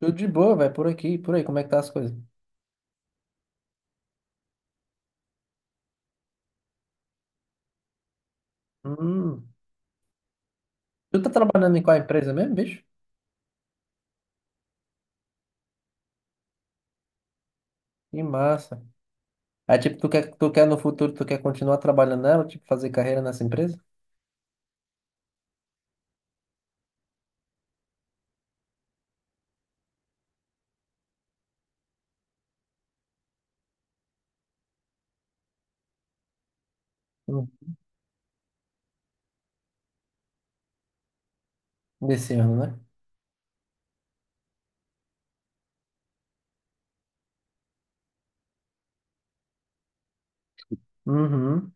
Tudo de boa, velho, por aqui, por aí, como é que tá as coisas? Hum. Tu tá trabalhando em qual empresa mesmo, bicho? Que massa. Aí, tipo, tu quer no futuro, tu quer continuar trabalhando nela, tipo, fazer carreira nessa empresa? Hum. Desse ano, né? Uhum.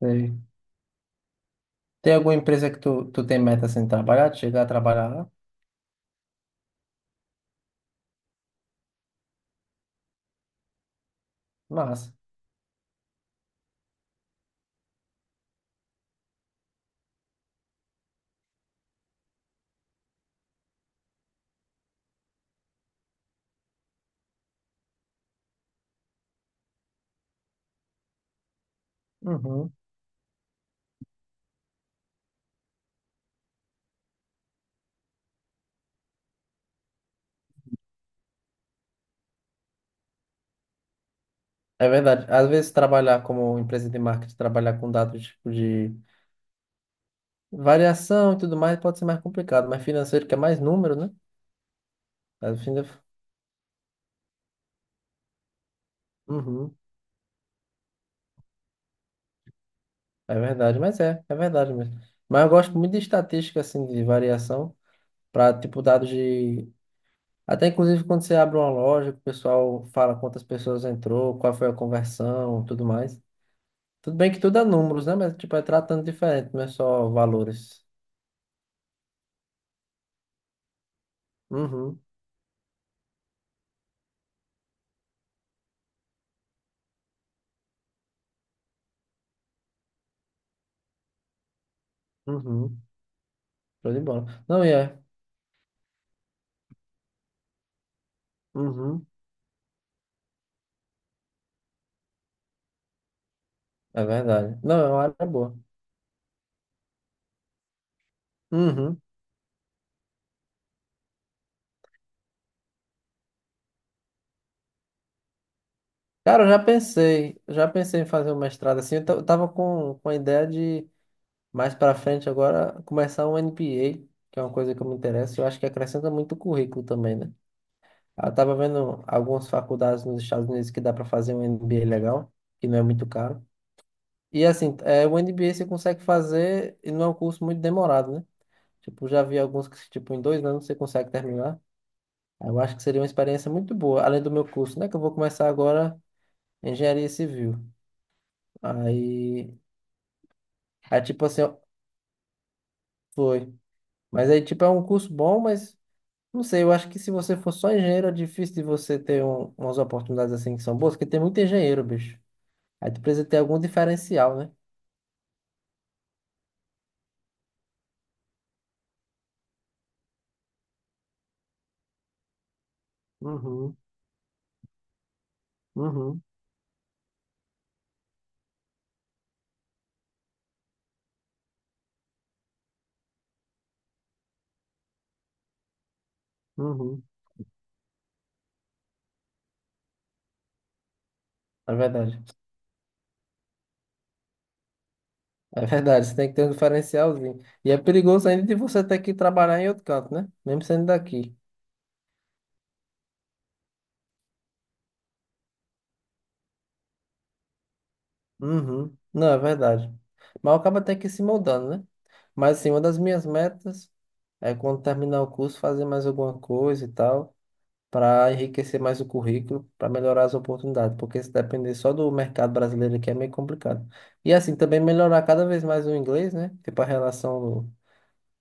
Sei. Tem alguma empresa que tu tem meta assim, de trabalhar, de chegar a trabalhar lá? Massa. Uhum. É verdade. Às vezes, trabalhar como empresa de marketing, trabalhar com dados, tipo, de variação e tudo mais, pode ser mais complicado, mas financeiro, que é mais número, né? Mas, no fim da- Uhum. É verdade, mas é verdade mesmo. Mas eu gosto muito de estatística, assim, de variação, para, tipo, dados de. Até inclusive quando você abre uma loja, que o pessoal fala quantas pessoas entrou, qual foi a conversão, tudo mais. Tudo bem que tudo é números, né? Mas, tipo, é tratando diferente, não é só valores. Uhum, uhum. Show de bola. Não, e é. Uhum, é verdade. Não, é uma área boa. Uhum. Cara, eu já pensei em fazer um mestrado assim. Eu tava com a ideia de mais pra frente agora, começar um MBA, que é uma coisa que eu me interesso, e eu acho que acrescenta muito o currículo também, né? Eu tava vendo algumas faculdades nos Estados Unidos que dá para fazer um MBA legal, que não é muito caro. E assim, o MBA você consegue fazer e não é um curso muito demorado, né? Tipo, já vi alguns que, tipo, em 2 anos você consegue terminar. Eu acho que seria uma experiência muito boa, além do meu curso, né? Que eu vou começar agora engenharia civil. Aí, aí, tipo assim, ó, foi. Mas aí, tipo, é um curso bom, mas não sei, eu acho que se você for só engenheiro, é difícil de você ter umas oportunidades assim que são boas, porque tem muito engenheiro, bicho. Aí tu precisa ter algum diferencial, né? Uhum, uhum, uhum. É verdade. É verdade, você tem que ter um diferencialzinho. E é perigoso ainda de você ter que trabalhar em outro canto, né? Mesmo sendo daqui. Uhum. Não, é verdade. Mas acaba até que se moldando, né? Mas assim, uma das minhas metas é quando terminar o curso, fazer mais alguma coisa e tal. Para enriquecer mais o currículo, para melhorar as oportunidades, porque se depender só do mercado brasileiro aqui é meio complicado. E assim, também melhorar cada vez mais o inglês, né? Tipo, a relação,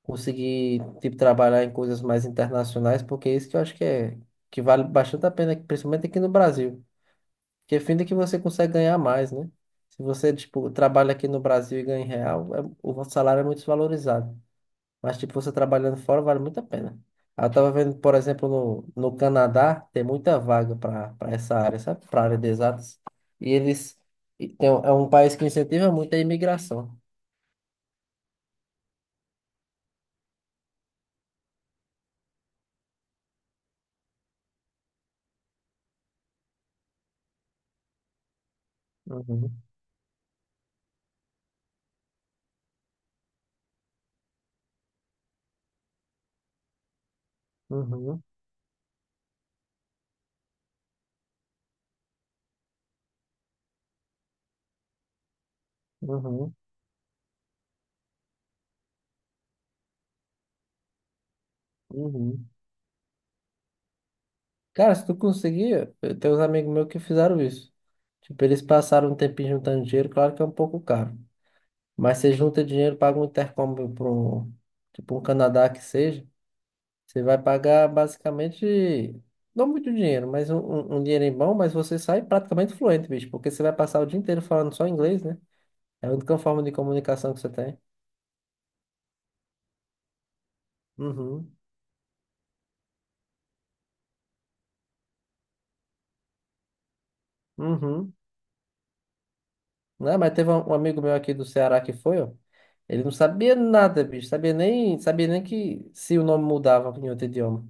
conseguir, tipo, trabalhar em coisas mais internacionais, porque é isso que eu acho que é, que vale bastante a pena, principalmente aqui no Brasil, que é fim de que você consegue ganhar mais, né? Se você, tipo, trabalha aqui no Brasil e ganha em real, o salário é muito desvalorizado. Mas, tipo, você trabalhando fora vale muito a pena. Aí eu tava vendo, por exemplo, no Canadá, tem muita vaga para essa área, sabe? Para área de exatas. E eles. E tem, é um país que incentiva muito a imigração. Uhum, uhum, uhum, uhum. Cara, se tu conseguir, eu tenho uns amigos meus que fizeram isso. Tipo, eles passaram um tempinho juntando dinheiro, claro que é um pouco caro. Mas você junta dinheiro, paga um intercâmbio para um, tipo, um Canadá que seja. Você vai pagar basicamente, não muito dinheiro, mas um dinheirinho bom, mas você sai praticamente fluente, bicho, porque você vai passar o dia inteiro falando só inglês, né? É a única forma de comunicação que você tem. Uhum, uhum. Não, mas teve um amigo meu aqui do Ceará que foi, ó. Ele não sabia nada, bicho, sabia nem que se o nome mudava em outro idioma.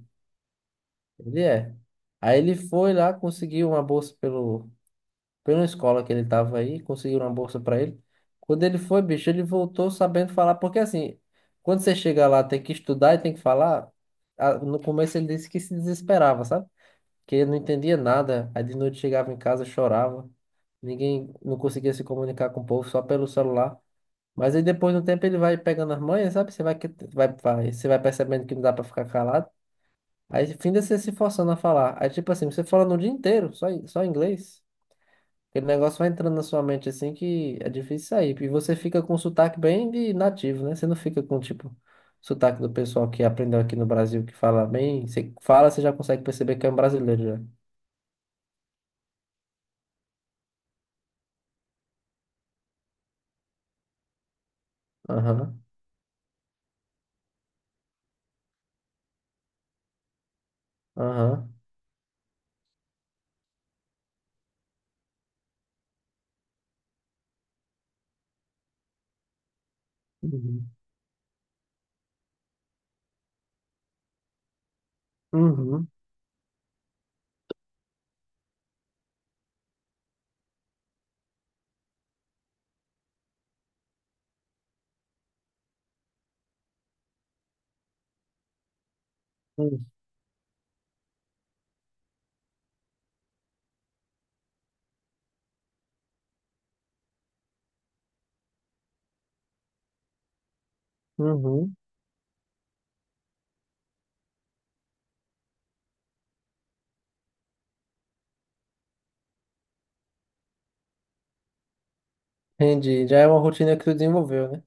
Ele é. Aí ele foi lá, conseguiu uma bolsa pelo pela escola que ele tava aí, conseguiram uma bolsa para ele. Quando ele foi, bicho, ele voltou sabendo falar, porque assim, quando você chega lá, tem que estudar e tem que falar. No começo ele disse que se desesperava, sabe? Que ele não entendia nada. Aí de noite chegava em casa, chorava. Ninguém não conseguia se comunicar com o povo só pelo celular. Mas aí depois de um tempo ele vai pegando as manhas, sabe? Você vai percebendo que não dá para ficar calado. Aí, fim de você se forçando a falar. Aí, tipo assim, você falando o dia inteiro, só, só em inglês. Aquele negócio vai entrando na sua mente assim que é difícil sair. E você fica com sotaque bem de nativo, né? Você não fica com, tipo, sotaque do pessoal que aprendeu aqui no Brasil, que fala bem. Você fala, você já consegue perceber que é um brasileiro já. Aham, aham. Uhum, uhum, uhum, uhum. Entendi. Já é uma rotina que tu desenvolveu, né?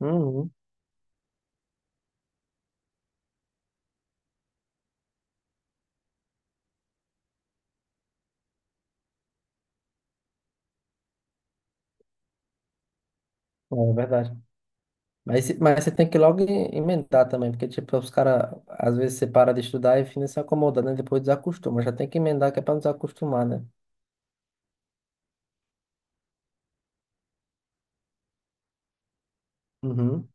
Uhum. É verdade. Mas, mas você tem que logo emendar também, porque, tipo, os caras, às vezes você para de estudar e fica se acomoda, né? Depois desacostuma. Já tem que emendar que é pra não desacostumar, né? Uhum.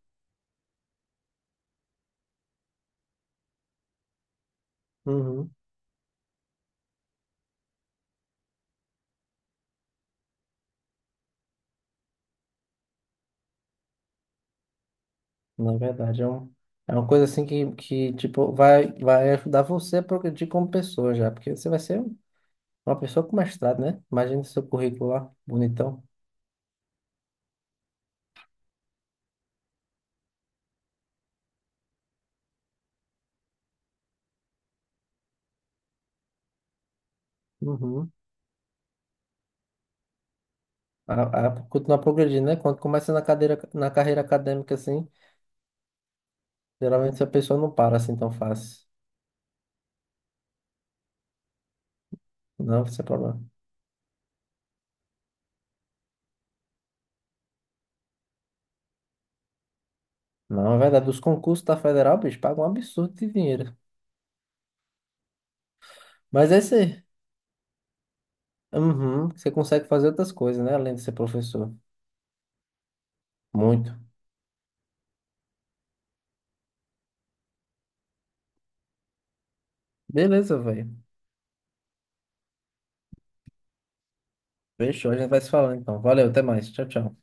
Uhum. Na verdade, é uma coisa assim que, tipo, vai ajudar você a progredir como pessoa já, porque você vai ser uma pessoa com mestrado, né? Imagina seu currículo lá, bonitão. Uhum. Continuar progredindo, né? Quando começa na carreira acadêmica, assim, geralmente a pessoa não para assim tão fácil. Não, isso é problema. Não, é verdade. Os concursos da federal, bicho, pagam um absurdo de dinheiro. Mas é isso aí. Uhum, você consegue fazer outras coisas, né? Além de ser professor. Muito. Beleza, velho. Fechou, a gente vai se falando então. Valeu, até mais. Tchau, tchau.